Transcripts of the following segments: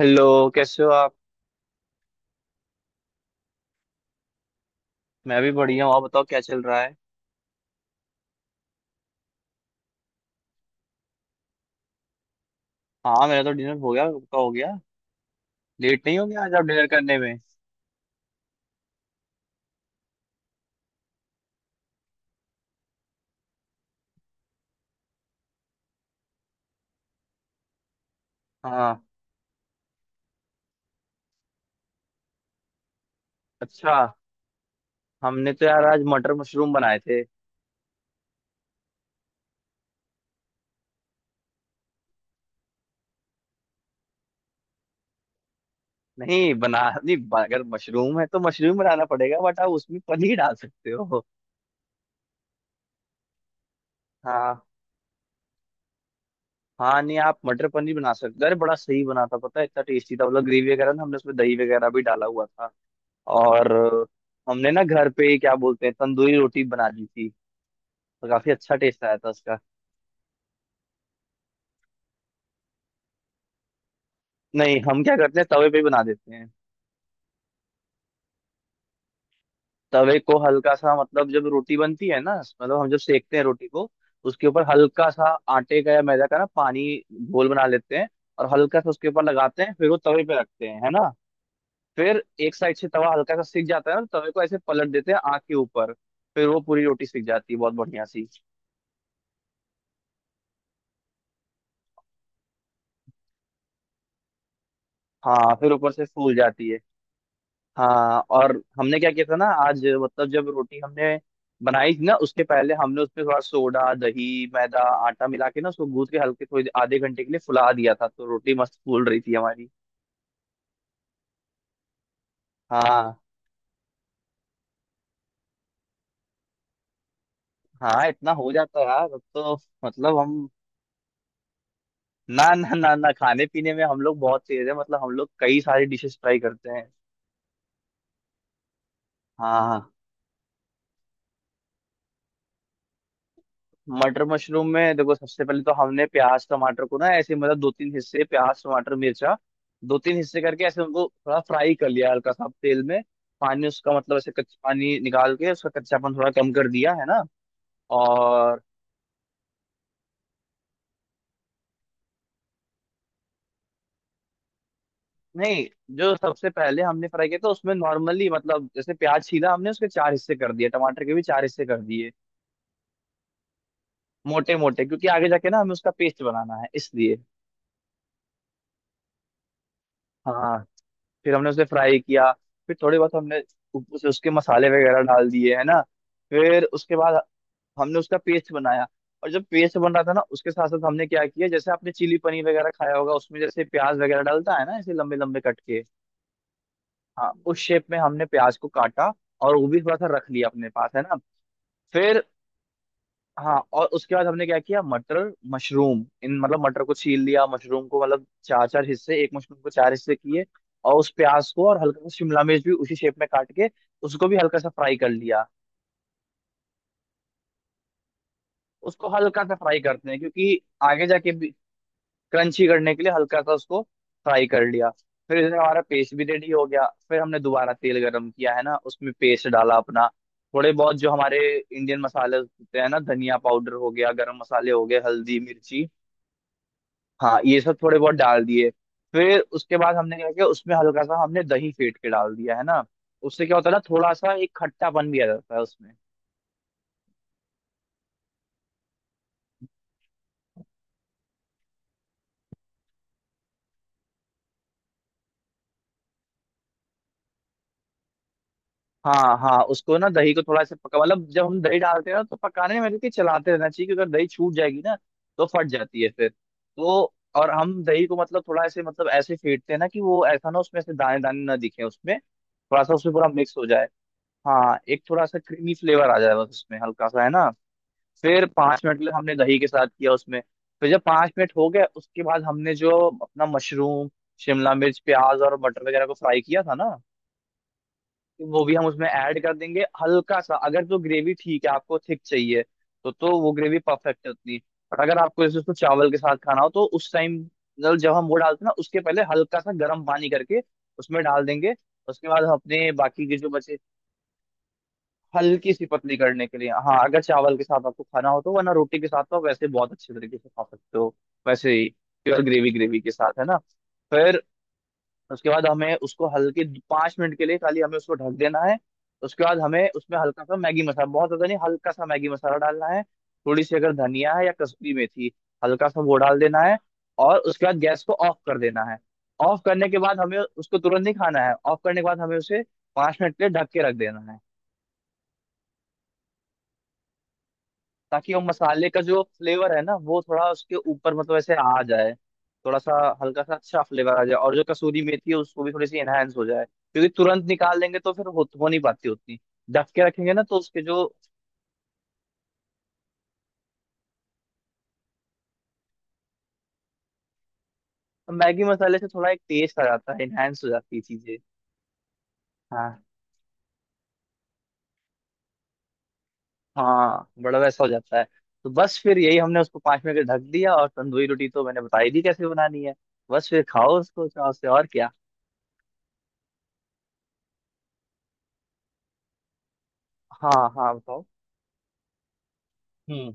Hello. कैसे हो आप। मैं भी बढ़िया हूँ। आप बताओ क्या चल रहा है। हाँ, मेरा तो डिनर हो गया। आपका हो गया। लेट नहीं हो गया आज आप डिनर करने में। हाँ। अच्छा। हमने तो यार आज मटर मशरूम बनाए थे। नहीं बना। नहीं, अगर मशरूम है तो मशरूम बनाना पड़ेगा, बट आप उसमें पनीर डाल सकते हो। हाँ। हाँ, नहीं, आप मटर पनीर बना सकते हो। अरे बड़ा सही बना था, पता है, इतना टेस्टी था। मतलब ग्रेवी वगैरह ना, हमने उसमें दही वगैरह भी डाला हुआ था। और हमने ना घर पे ही क्या बोलते हैं तंदूरी रोटी बना दी थी। तो काफी अच्छा टेस्ट आया था उसका। नहीं, हम क्या करते हैं तवे पे बना देते हैं। तवे को हल्का सा, मतलब जब रोटी बनती है ना, मतलब हम जब सेकते हैं रोटी को, उसके ऊपर हल्का सा आटे का या मैदा का ना पानी घोल बना लेते हैं और हल्का सा उसके ऊपर लगाते हैं। फिर वो तवे पे रखते हैं, है ना। फिर एक साइड से तवा हल्का सा सिक जाता है ना, तो तवे को ऐसे पलट देते हैं आग के ऊपर। फिर वो पूरी रोटी सिक जाती है बहुत बढ़िया सी। हाँ, फिर ऊपर से फूल जाती है। हाँ। और हमने क्या किया था ना आज, मतलब जब रोटी हमने बनाई थी ना उसके पहले हमने उसमें थोड़ा सोडा, दही, मैदा, आटा मिला के ना उसको गूंथ के हल्के थोड़ी आधे घंटे के लिए फुला दिया था, तो रोटी मस्त फूल रही थी हमारी। हाँ। हाँ, इतना हो जाता है यार अब तो। मतलब हम ना, ना, ना, ना, खाने पीने में हम लोग बहुत तेज है। मतलब हम लोग कई सारी डिशेस ट्राई करते हैं। हाँ। मटर मशरूम में देखो, सबसे पहले तो हमने प्याज टमाटर को ना ऐसे मतलब दो तीन हिस्से, प्याज टमाटर मिर्चा दो तीन हिस्से करके ऐसे उनको थोड़ा फ्राई कर लिया हल्का सा तेल में। पानी उसका, मतलब ऐसे कच्चा पानी निकाल के उसका कच्चापन थोड़ा कम कर दिया, है ना। और नहीं, जो सबसे पहले हमने फ्राई किया था उसमें नॉर्मली मतलब जैसे प्याज छीला हमने उसके चार हिस्से कर दिए, टमाटर के भी चार हिस्से कर दिए। मोटे मोटे क्योंकि आगे जाके ना हमें उसका पेस्ट बनाना है इसलिए। हाँ, फिर हमने उसे फ्राई किया। फिर थोड़े बहुत हमने उसके मसाले वगैरह डाल दिए, है ना। फिर उसके बाद हमने उसका पेस्ट बनाया। और जब पेस्ट बन रहा था ना उसके साथ साथ हमने क्या किया, जैसे आपने चिली पनीर वगैरह खाया होगा, उसमें जैसे प्याज वगैरह डालता है ना ऐसे लंबे लंबे कट के। हाँ, उस शेप में हमने प्याज को काटा और वो भी थोड़ा सा रख लिया अपने पास, है ना। फिर हाँ, और उसके बाद हमने क्या किया, मटर मशरूम इन, मतलब मटर को छील लिया, मशरूम को मतलब चार चार हिस्से, एक मशरूम को चार हिस्से किए। और उस प्याज को और हल्का सा शिमला मिर्च भी उसी शेप में काट के उसको भी हल्का सा फ्राई कर लिया। उसको हल्का सा फ्राई करते हैं क्योंकि आगे जाके भी क्रंची करने के लिए हल्का सा उसको फ्राई कर लिया। फिर इसमें हमारा पेस्ट भी रेडी हो गया। फिर हमने दोबारा तेल गरम किया, है ना, उसमें पेस्ट डाला अपना, थोड़े बहुत जो हमारे इंडियन मसाले होते हैं ना, धनिया पाउडर हो गया, गरम मसाले हो गए, हल्दी मिर्ची। हाँ, ये सब थोड़े बहुत डाल दिए। फिर उसके बाद हमने क्या किया, उसमें हल्का सा हमने दही फेंट के डाल दिया, है ना। उससे क्या होता है ना, थोड़ा सा एक खट्टापन भी आ जाता है उसमें। हाँ। हाँ, उसको ना दही को थोड़ा सा पका, मतलब जब हम दही डालते हैं ना तो पकाने में देखिए चलाते रहना चाहिए क्योंकि अगर दही छूट जाएगी ना तो फट जाती है फिर तो। और हम दही को मतलब थोड़ा ऐसे, मतलब ऐसे फेंटते हैं ना कि वो ऐसा ना उसमें से दाने दाने ना दिखे, उसमें थोड़ा सा उसमें पूरा मिक्स हो जाए। हाँ, एक थोड़ा सा क्रीमी फ्लेवर आ जाए बस उसमें हल्का सा, है ना। फिर 5 मिनट के लिए हमने दही के साथ किया उसमें। फिर जब 5 मिनट हो गए उसके बाद हमने जो अपना मशरूम शिमला मिर्च प्याज और मटर वगैरह को फ्राई किया था ना, तो वो भी हम उसमें ऐड कर देंगे। हल्का सा, अगर तो ग्रेवी ठीक है, आपको थिक चाहिए तो वो ग्रेवी परफेक्ट है उतनी। और अगर आपको जैसे उसको चावल के साथ खाना हो तो उस टाइम, मतलब जब हम वो डालते हैं ना उसके पहले हल्का सा गर्म पानी करके उसमें डाल देंगे। उसके बाद हम अपने बाकी के जो बचे हल्की सी पतली करने के लिए, हाँ, अगर चावल के साथ आपको खाना हो तो, वरना रोटी के साथ तो आप वैसे बहुत अच्छे तरीके से खा सकते हो वैसे ही प्योर ग्रेवी, ग्रेवी के साथ, है ना। फिर उसके बाद हमें उसको हल्के 5 मिनट के लिए खाली हमें उसको ढक देना है। उसके बाद हमें उसमें हल्का सा मैगी मसाला, बहुत ज्यादा नहीं, हल्का सा मैगी मसाला डालना है। थोड़ी सी अगर धनिया है या कसूरी मेथी हल्का सा वो डाल देना है, और उसके बाद गैस को ऑफ कर देना है। ऑफ करने के बाद हमें उसको तुरंत नहीं खाना है। ऑफ करने के बाद हमें उसे 5 मिनट के लिए ढक के रख देना है, ताकि वो मसाले का जो फ्लेवर है ना वो थोड़ा उसके ऊपर मतलब ऐसे आ जाए, थोड़ा सा हल्का सा अच्छा फ्लेवर आ जाए और जो कसूरी मेथी है उसको भी थोड़ी सी एनहांस हो जाए, क्योंकि तुरंत निकाल लेंगे तो फिर हो नहीं पाती उतनी। ढक के रखेंगे ना तो उसके जो मैगी मसाले से थोड़ा एक टेस्ट आ जाता है, एनहांस हो जाती है चीजें। हाँ। हाँ, बड़ा वैसा हो जाता है। तो बस फिर यही हमने उसको 5 मिनट के लिए ढक दिया और तंदूरी रोटी तो मैंने बताई दी कैसे बनानी है। बस फिर खाओ उसको चाव से, और क्या। हाँ। हाँ बताओ। हम्म।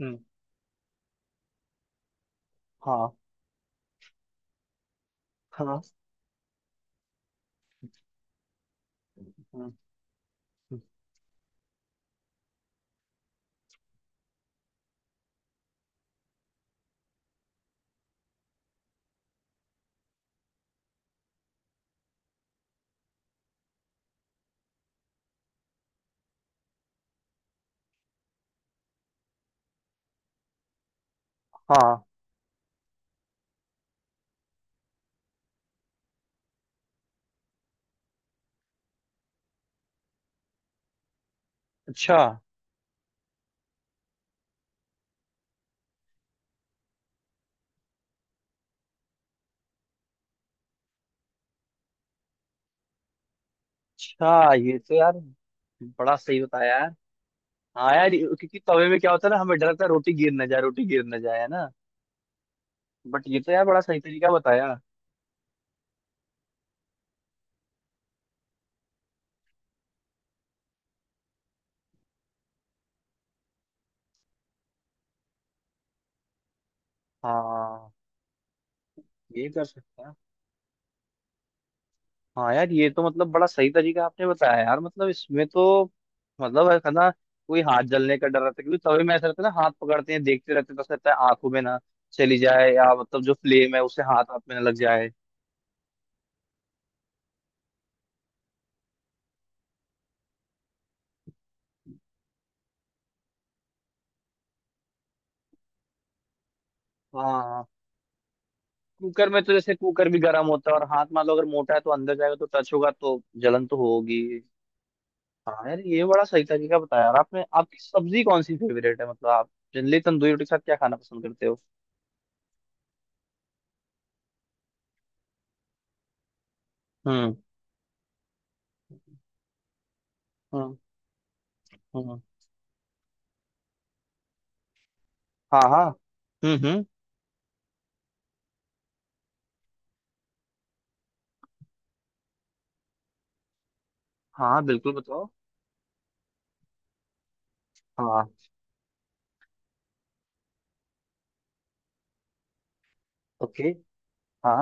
हम्म। हाँ, हाँ, हाँ, हाँ। अच्छा। अच्छा, ये तो यार बड़ा सही बताया यार। हाँ यार, क्योंकि तवे में क्या होता है ना हमें डर लगता है रोटी गिर ना जाए, रोटी गिर ना जाए, है ना। बट ये तो यार बड़ा सही तरीका बताया। हाँ। ये कर सकते हैं। हाँ यार, ये तो मतलब बड़ा सही तरीका आपने बताया यार, मतलब इसमें तो मतलब है ना कोई हाथ जलने का डर रहता है, क्योंकि तवे में ऐसा रहता है ना हाथ पकड़ते हैं देखते रहते हैं तो ऐसा रहता है आंखों में ना चली जाए, या मतलब जो फ्लेम है उसे हाथ आप में ना लग जाए। हाँ। कुकर में तो जैसे कुकर भी गर्म होता है और हाथ मान लो अगर मोटा है तो अंदर जाएगा, तो टच होगा तो जलन तो होगी। हाँ यार, ये बड़ा सही तरीका बताया यार आपने। आपकी सब्जी कौन सी फेवरेट है, मतलब आप जनरली तंदूरी रोटी के साथ क्या खाना पसंद करते हो। हम्म। हम्म। हम्म। हाँ हाँ। हम्म। हम्म। हाँ बिल्कुल बताओ। हाँ। ओके। हाँ।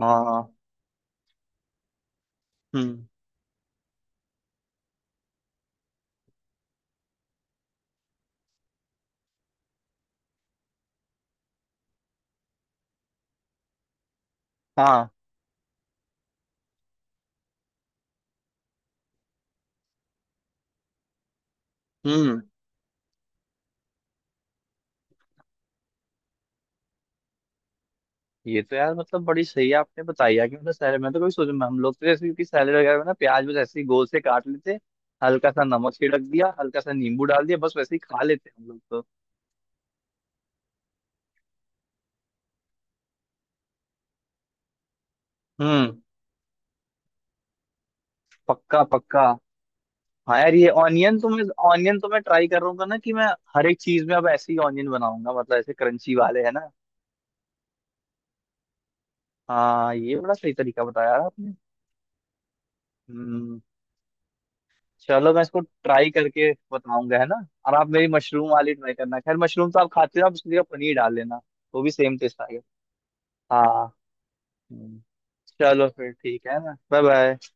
हाँ। हम्म। हाँ। हम्म। ये तो यार, मतलब बड़ी सही है आपने बताई यार कि मतलब सैलड में तो कोई सोच, हम लोग तो जैसे कि सैलड वगैरह में ना प्याज बस ऐसे ही गोल से काट लेते, हल्का सा नमक छिड़क दिया, हल्का सा नींबू डाल दिया, बस वैसे ही खा लेते हैं हम लोग तो। हम्म। पक्का पक्का। हाँ यार, ये ऑनियन तो मैं ट्राई कर रहा हूँ ना कि मैं हर एक चीज में अब ऐसे ही ऑनियन बनाऊंगा, मतलब ऐसे क्रंची वाले, है ना। हाँ, ये बड़ा सही तरीका बताया यार आपने। हम्म। चलो मैं इसको ट्राई करके बताऊंगा, है ना। और आप मेरी मशरूम वाली ट्राई करना। खैर मशरूम तो आप खाते हो, आप उसकी जगह पनीर डाल लेना। वो भी सेम टेस्ट आएगा। हाँ। हम्म। चलो फिर ठीक है ना। Bye bye.